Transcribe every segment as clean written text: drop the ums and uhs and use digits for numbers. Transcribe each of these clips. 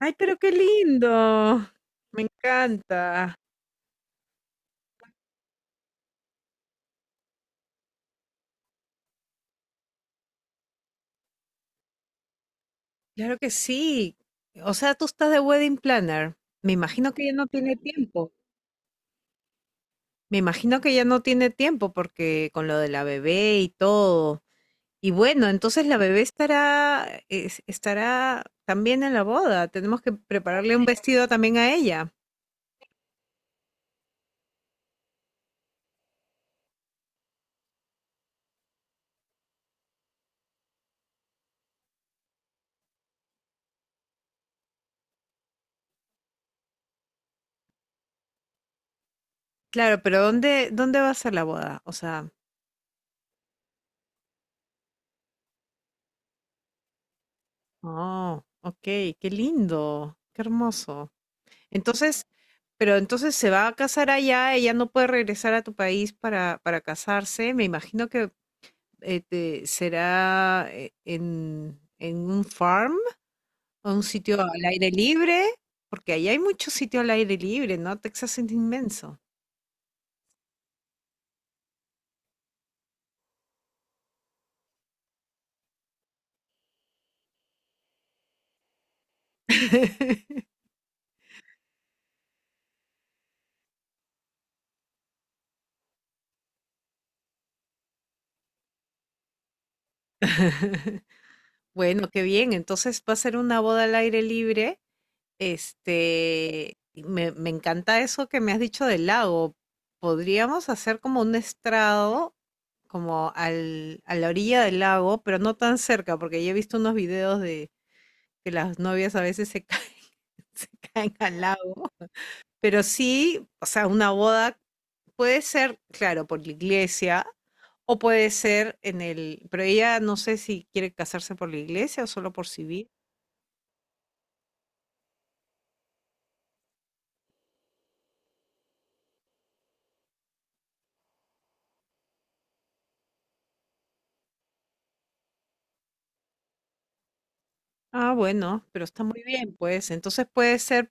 Ay, pero qué lindo. Me encanta. Claro que sí. O sea, tú estás de wedding planner. Me imagino que ya no tiene tiempo. Me imagino que ya no tiene tiempo porque con lo de la bebé y todo. Y bueno, entonces la bebé estará, estará también en la boda. Tenemos que prepararle un vestido también a ella. Claro, pero ¿dónde va a ser la boda? O sea, oh, ok, qué lindo, qué hermoso. Entonces, pero entonces se va a casar allá, ella no puede regresar a tu país para casarse. Me imagino que será en un farm, o un sitio al aire libre, porque allá hay mucho sitio al aire libre, ¿no? Texas es inmenso. Bueno, qué bien. Entonces va a ser una boda al aire libre. Este, y me encanta eso que me has dicho del lago. Podríamos hacer como un estrado como a la orilla del lago, pero no tan cerca, porque yo he visto unos videos de que las novias a veces se caen, se caen al lago. Pero sí, o sea, una boda puede ser, claro, por la iglesia, o puede ser en el, pero ella no sé si quiere casarse por la iglesia o solo por civil. Ah, bueno, pero está muy bien, pues. Entonces puede ser,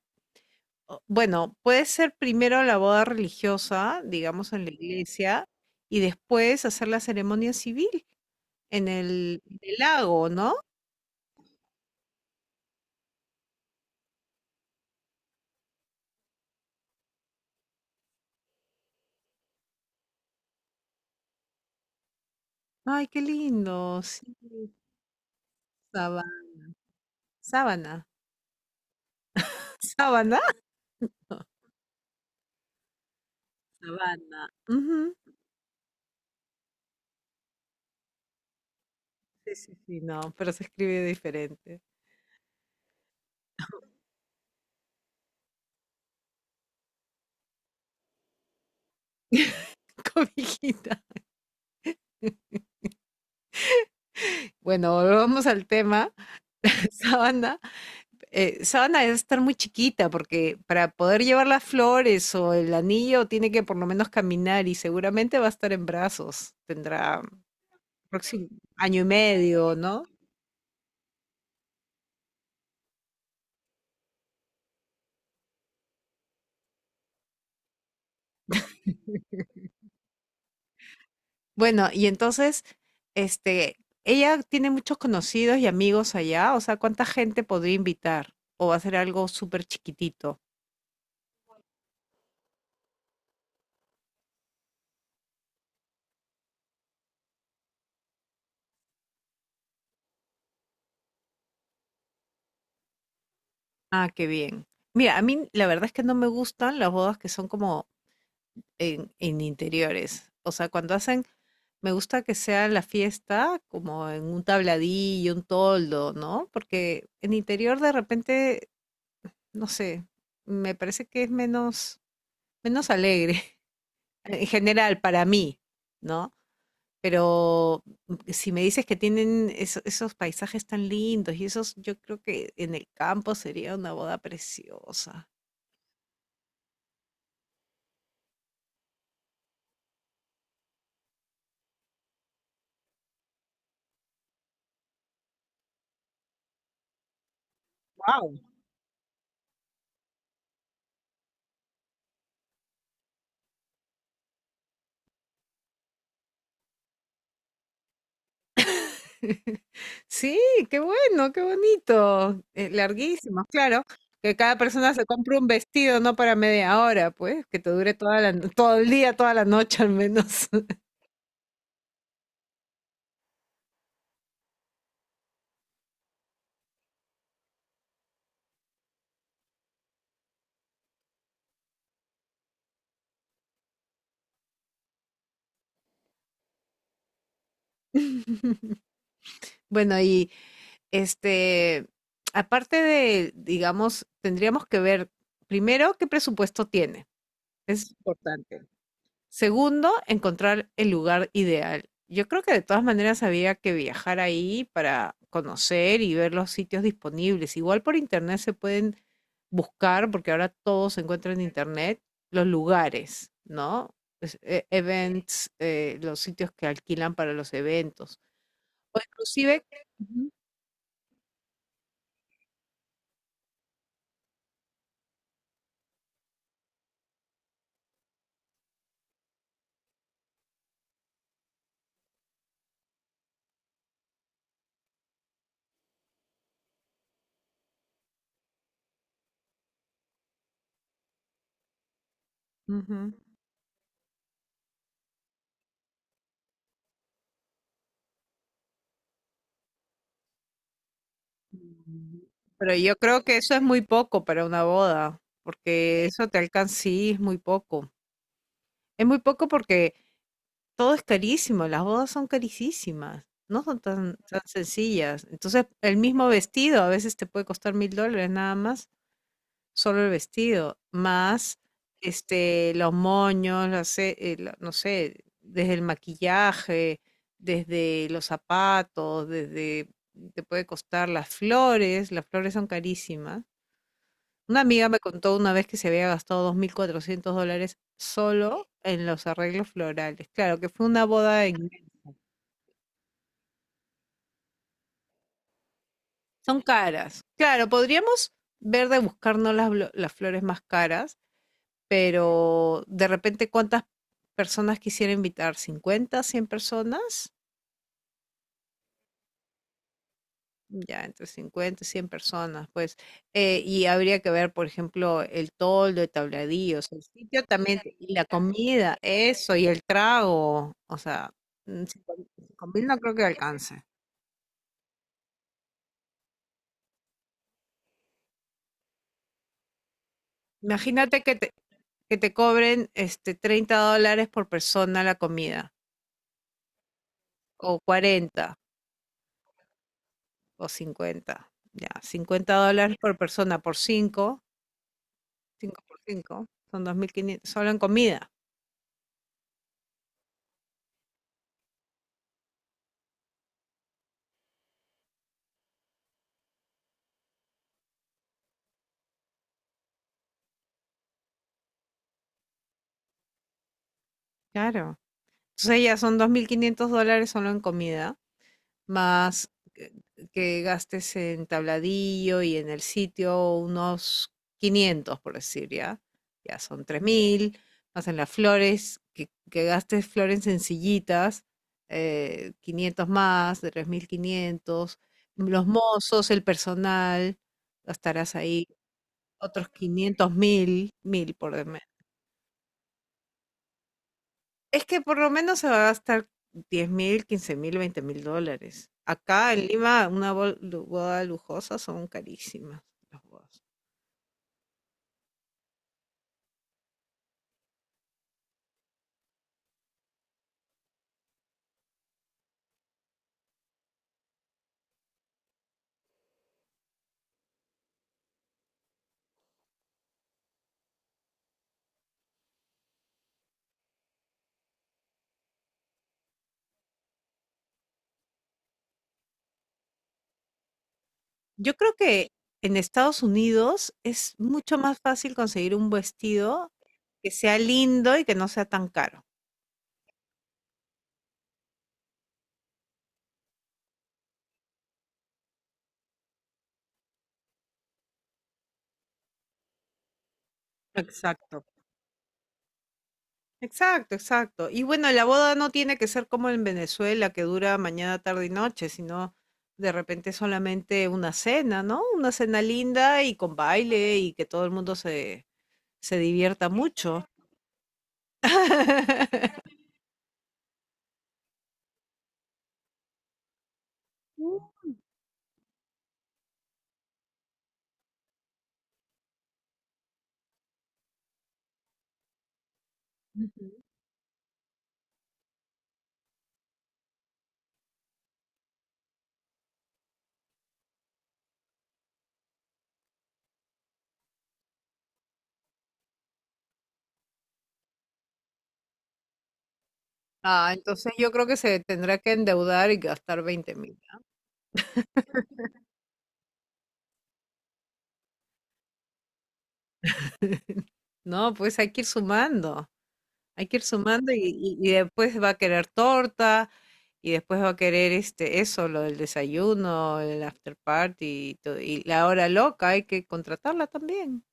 bueno, puede ser primero la boda religiosa, digamos, en la iglesia, y después hacer la ceremonia civil. En el lago, ¿no? Ay, qué lindo, sí, saba sábana, ¿sábana? Sabana, ujú. Sí, sí, sí, no, pero se escribe diferente. Cobijita. Bueno, volvamos al tema. Sábana, sábana debe estar muy chiquita porque para poder llevar las flores o el anillo tiene que por lo menos caminar y seguramente va a estar en brazos. Tendrá próximo año y medio, ¿no? Bueno, y entonces, este, ella tiene muchos conocidos y amigos allá, o sea, ¿cuánta gente podría invitar? ¿O va a ser algo súper chiquitito? Ah, qué bien. Mira, a mí la verdad es que no me gustan las bodas que son como en interiores. O sea, cuando hacen, me gusta que sea la fiesta como en un tabladillo, un toldo, ¿no? Porque en interior de repente, no sé, me parece que es menos, alegre en general para mí, ¿no? Pero si me dices que tienen esos paisajes tan lindos y esos, yo creo que en el campo sería una boda preciosa. Wow. Sí, qué bueno, qué bonito. Larguísimos, claro. Que cada persona se compre un vestido, no para media hora, pues, que te dure toda la, no- todo el día, toda la noche al menos. Bueno, y este, aparte de, digamos, tendríamos que ver primero qué presupuesto tiene. Es importante. Segundo, encontrar el lugar ideal. Yo creo que de todas maneras había que viajar ahí para conocer y ver los sitios disponibles. Igual por internet se pueden buscar, porque ahora todo se encuentra en internet, los lugares, ¿no? Events, los sitios que alquilan para los eventos. O inclusive, ujú, ujú. Pero yo creo que eso es muy poco para una boda, porque eso te alcanza, sí, es muy poco. Es muy poco porque todo es carísimo, las bodas son carísimas, no son tan tan sencillas. Entonces, el mismo vestido a veces te puede costar $1.000 nada más, solo el vestido, más, este, los moños, la no sé, desde el maquillaje, desde los zapatos, desde te puede costar las flores son carísimas. Una amiga me contó una vez que se había gastado $2.400 solo en los arreglos florales. Claro, que fue una boda en. Son caras. Claro, podríamos ver de buscarnos las flores más caras, pero de repente, ¿cuántas personas quisiera invitar? ¿50 100 personas? Ya, entre 50 y 100 personas, pues. Y habría que ver, por ejemplo, el toldo, el tabladillo, o sea, el sitio también, y la comida, eso, y el trago. O sea, 5 mil no creo que alcance. Imagínate que te cobren este, $30 por persona la comida. O 40 o 50. Ya, $50 por persona por cinco, 5 por cinco. Son 2.500 solo en comida. Claro. Entonces ya son $2.500 solo en comida. Más que gastes en tabladillo y en el sitio unos 500 por decir, ya, son 3.000, más en las flores, que gastes flores sencillitas, 500 más, de 3.500, los mozos, el personal, gastarás ahí otros 500 mil, mil por, es que por lo menos se va a gastar 10.000, 15.000, $20.000. Acá en Lima, una boda lujosa son carísimas las bodas. Yo creo que en Estados Unidos es mucho más fácil conseguir un vestido que sea lindo y que no sea tan caro. Exacto. Exacto, exacto. Y bueno, la boda no tiene que ser como en Venezuela, que dura mañana, tarde y noche, sino de repente solamente una cena, ¿no? Una cena linda y con baile y que todo el mundo se divierta mucho. Ah, entonces yo creo que se tendrá que endeudar y gastar 20.000. No, pues hay que ir sumando, y después va a querer torta y después va a querer eso, lo del desayuno, el after party y, todo, y la hora loca, hay que contratarla también.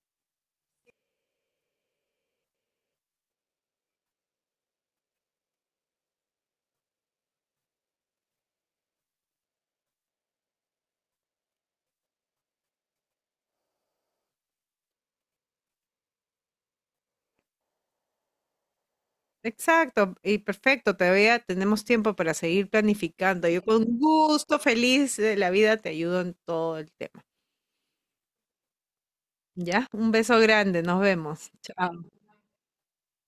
Exacto, y perfecto, todavía tenemos tiempo para seguir planificando. Yo con gusto, feliz de la vida, te ayudo en todo el tema. ¿Ya? Un beso grande, nos vemos. Chao.